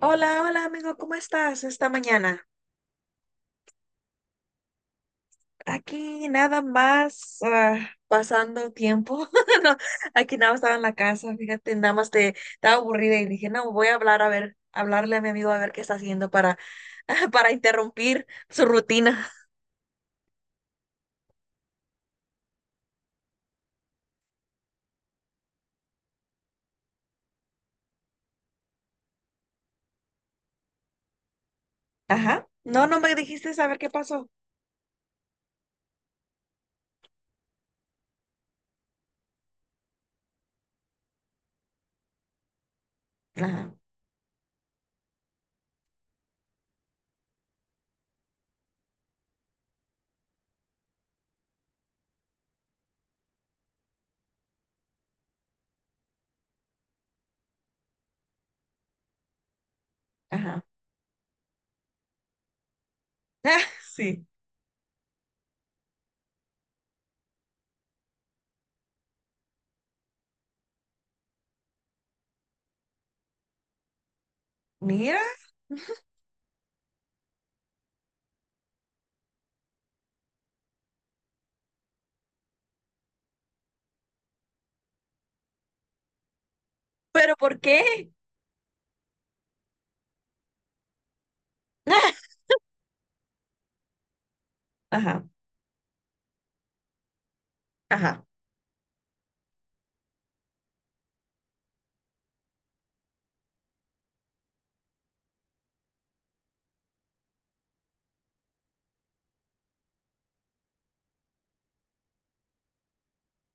Hola, hola amigo, ¿cómo estás esta mañana? Aquí nada más pasando tiempo. No, aquí nada más estaba en la casa, fíjate, nada más te estaba aburrida y dije, no, voy a hablar a ver, hablarle a mi amigo a ver qué está haciendo para, para interrumpir su rutina. Ajá. No, no me dijiste saber qué pasó. Ajá, ajá. Ah, sí. Mira, pero ¿por qué? Ajá, ajá.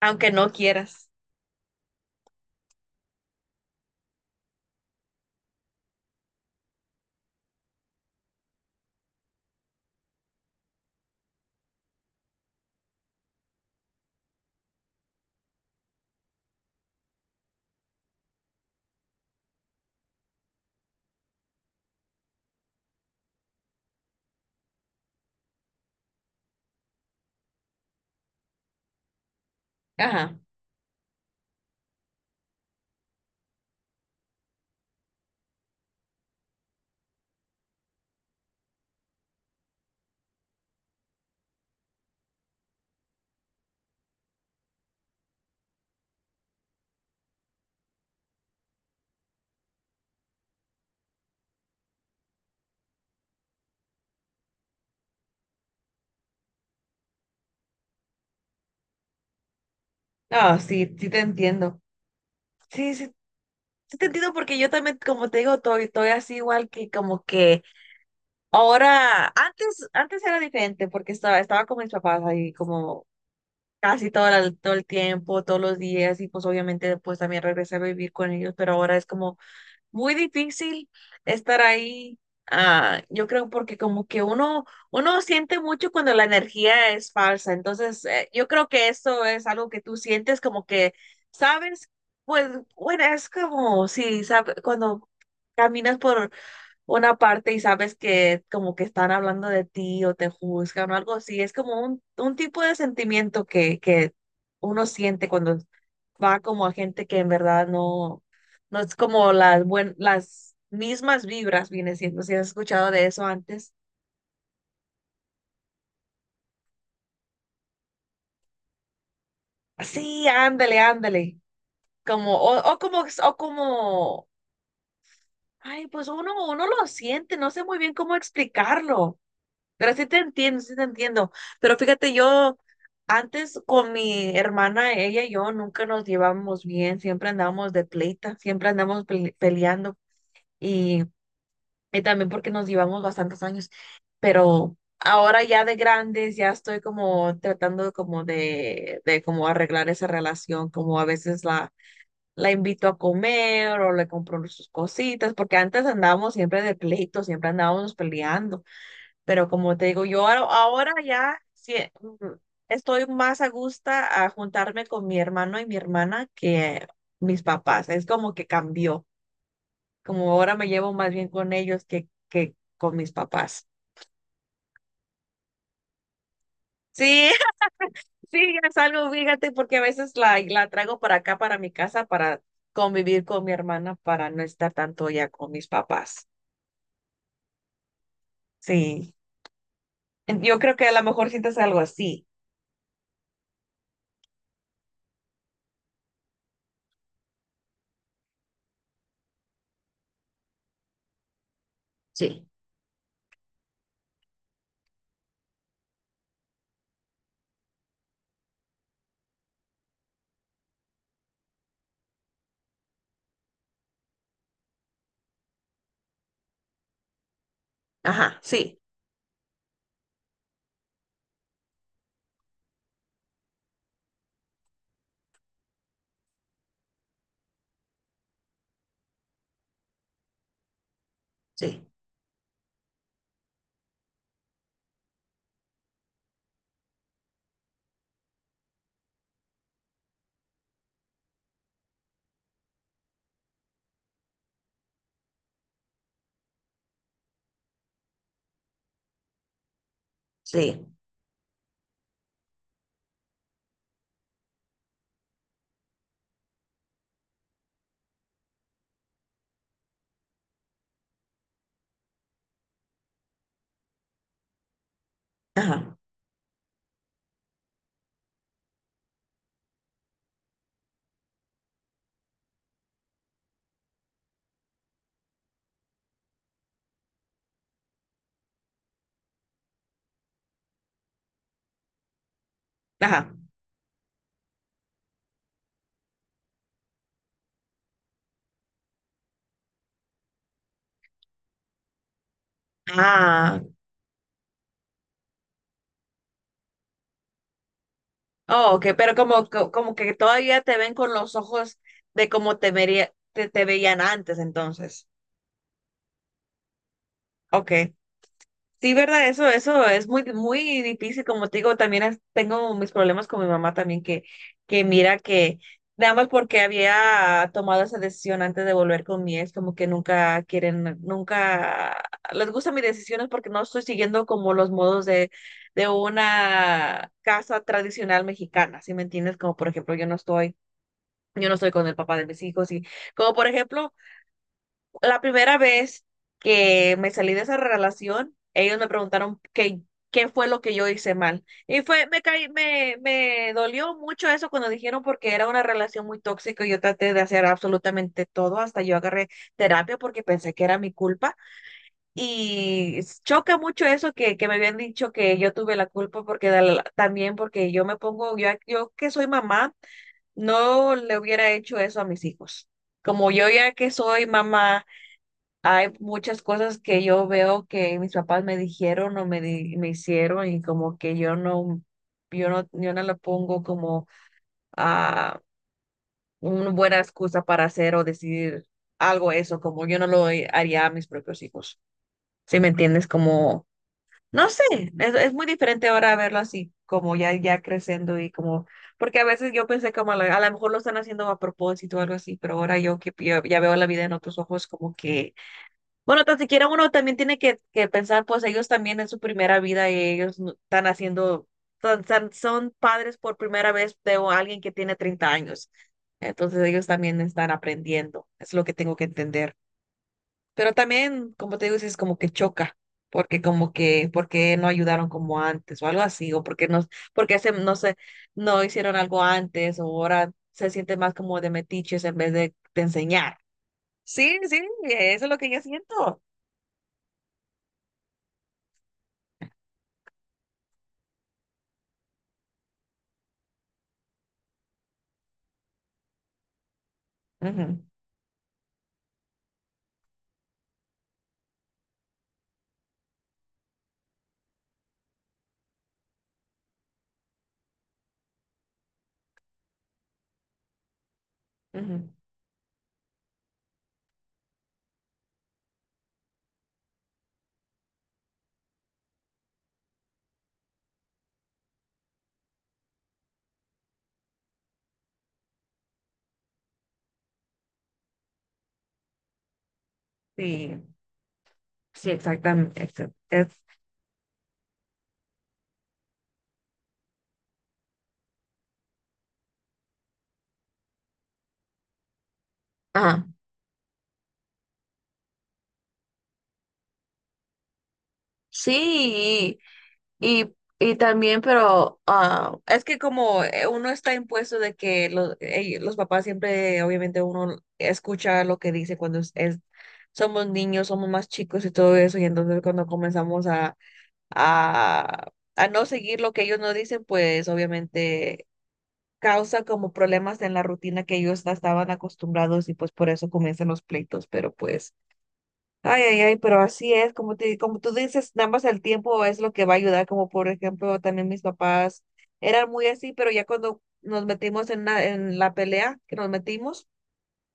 Aunque no quieras. Ajá. No, sí, sí te entiendo. Sí, sí. Sí te entiendo porque yo también, como te digo, estoy, estoy así igual que como que ahora, antes, antes era diferente porque estaba, estaba con mis papás ahí como casi todo el tiempo, todos los días, y pues obviamente después también regresé a vivir con ellos, pero ahora es como muy difícil estar ahí. Ah, yo creo porque como que uno, uno siente mucho cuando la energía es falsa. Entonces, yo creo que eso es algo que tú sientes como que, ¿sabes? Pues, bueno, es como si, sabe- cuando caminas por una parte y sabes que como que están hablando de ti o te juzgan o algo así, es como un tipo de sentimiento que uno siente cuando va como a gente que en verdad no, no es como las, buen, las mismas vibras, viene siendo, si has escuchado de eso antes. Sí, ándale, ándale. Como, o como, ay, pues uno, uno lo siente, no sé muy bien cómo explicarlo, pero sí te entiendo, sí te entiendo. Pero fíjate, yo antes con mi hermana, ella y yo nunca nos llevábamos bien, siempre andábamos de pleita, siempre andamos pele- peleando. Y Y también porque nos llevamos bastantes años, pero ahora ya de grandes ya estoy como tratando de como arreglar esa relación, como a veces la, la invito a comer o le compro sus cositas, porque antes andábamos siempre de pleito, siempre andábamos peleando, pero como te digo, yo ahora, ahora ya sí, mm, estoy más a gusto a juntarme con mi hermano y mi hermana que mis papás, es como que cambió como ahora me llevo más bien con ellos que con mis papás. Sí, sí, es algo, fíjate, porque a veces la, la traigo para acá, para mi casa, para convivir con mi hermana, para no estar tanto ya con mis papás. Sí, en- yo creo que a lo mejor sientes algo así. Sí, ajá, sí, sí, sí, ajá, ajá. Ah, oh, ok, pero como, co- como que todavía te ven con los ojos de como te vería, te veían antes, entonces. Ok. Sí, verdad, eso es muy, muy difícil, como te digo, también es- tengo mis problemas con mi mamá también, que mira que nada más porque había tomado esa decisión antes de volver con mi ex, como que nunca quieren, nunca les gustan mis decisiones porque no estoy siguiendo como los modos de una casa tradicional mexicana, ¿sí me entiendes? Como por ejemplo, yo no estoy con el papá de mis hijos y como por ejemplo... La primera vez que me salí de esa relación, ellos me preguntaron qué, qué fue lo que yo hice mal. Y fue, me caí, me dolió mucho eso cuando dijeron porque era una relación muy tóxica y yo traté de hacer absolutamente todo, hasta yo agarré terapia porque pensé que era mi culpa. Y choca mucho eso que me habían dicho que yo tuve la culpa porque de la- también porque yo me pongo, yo que soy mamá, no le hubiera hecho eso a mis hijos. Como yo ya que soy mamá hay muchas cosas que yo veo que mis papás me dijeron o me, di- me hicieron y como que yo no, yo no, yo no le pongo como a una buena excusa para hacer o decidir algo eso, como yo no lo haría a mis propios hijos. ¿Sí me entiendes? Como, no sé, es muy diferente ahora verlo así, como ya, ya creciendo y como, porque a veces yo pensé como a lo mejor lo están haciendo a propósito o algo así, pero ahora yo que yo ya veo la vida en otros ojos como que bueno, tan siquiera uno también tiene que pensar, pues ellos también en su primera vida y ellos no- están haciendo, son, son padres por primera vez de o- alguien que tiene 30 años. Entonces ellos también están aprendiendo, es lo que tengo que entender. Pero también, como te digo, sí es como que choca, porque como que, porque no ayudaron como antes o algo así, o porque no, porque se, no sé, no hicieron algo antes o ahora se siente más como de metiches en vez de enseñar. Sí, sí, eso es lo que yo siento. Ujú. Ujú. Sí, sí, exactamente. Exact- es- ajá. Sí, y, y, y también, pero es que como uno está impuesto de que los papás siempre, obviamente uno escucha lo que dice cuando es- somos niños, somos más chicos y todo eso, y entonces cuando comenzamos a, a no seguir lo que ellos nos dicen, pues obviamente causa como problemas en la rutina que ellos estaban acostumbrados y pues por eso comienzan los pleitos, pero pues... Ay, ay, ay, pero así es, como te, como tú dices, nada más el tiempo es lo que va a ayudar, como por ejemplo, también mis papás eran muy así, pero ya cuando nos metimos en la pelea que nos metimos,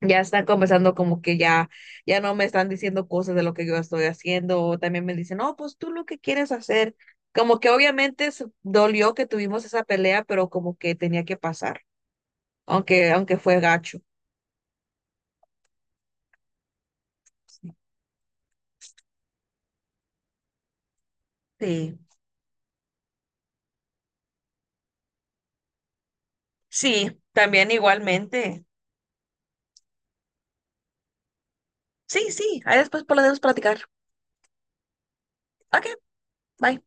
ya están comenzando como que ya, ya no me están diciendo cosas de lo que yo estoy haciendo, o también me dicen, no, pues tú lo que quieres hacer, como que obviamente se- dolió que tuvimos esa pelea, pero como que tenía que pasar, aunque, aunque fue gacho. Sí, sí, también igualmente. Sí, sí, ahí después podemos platicar. Okay, bye.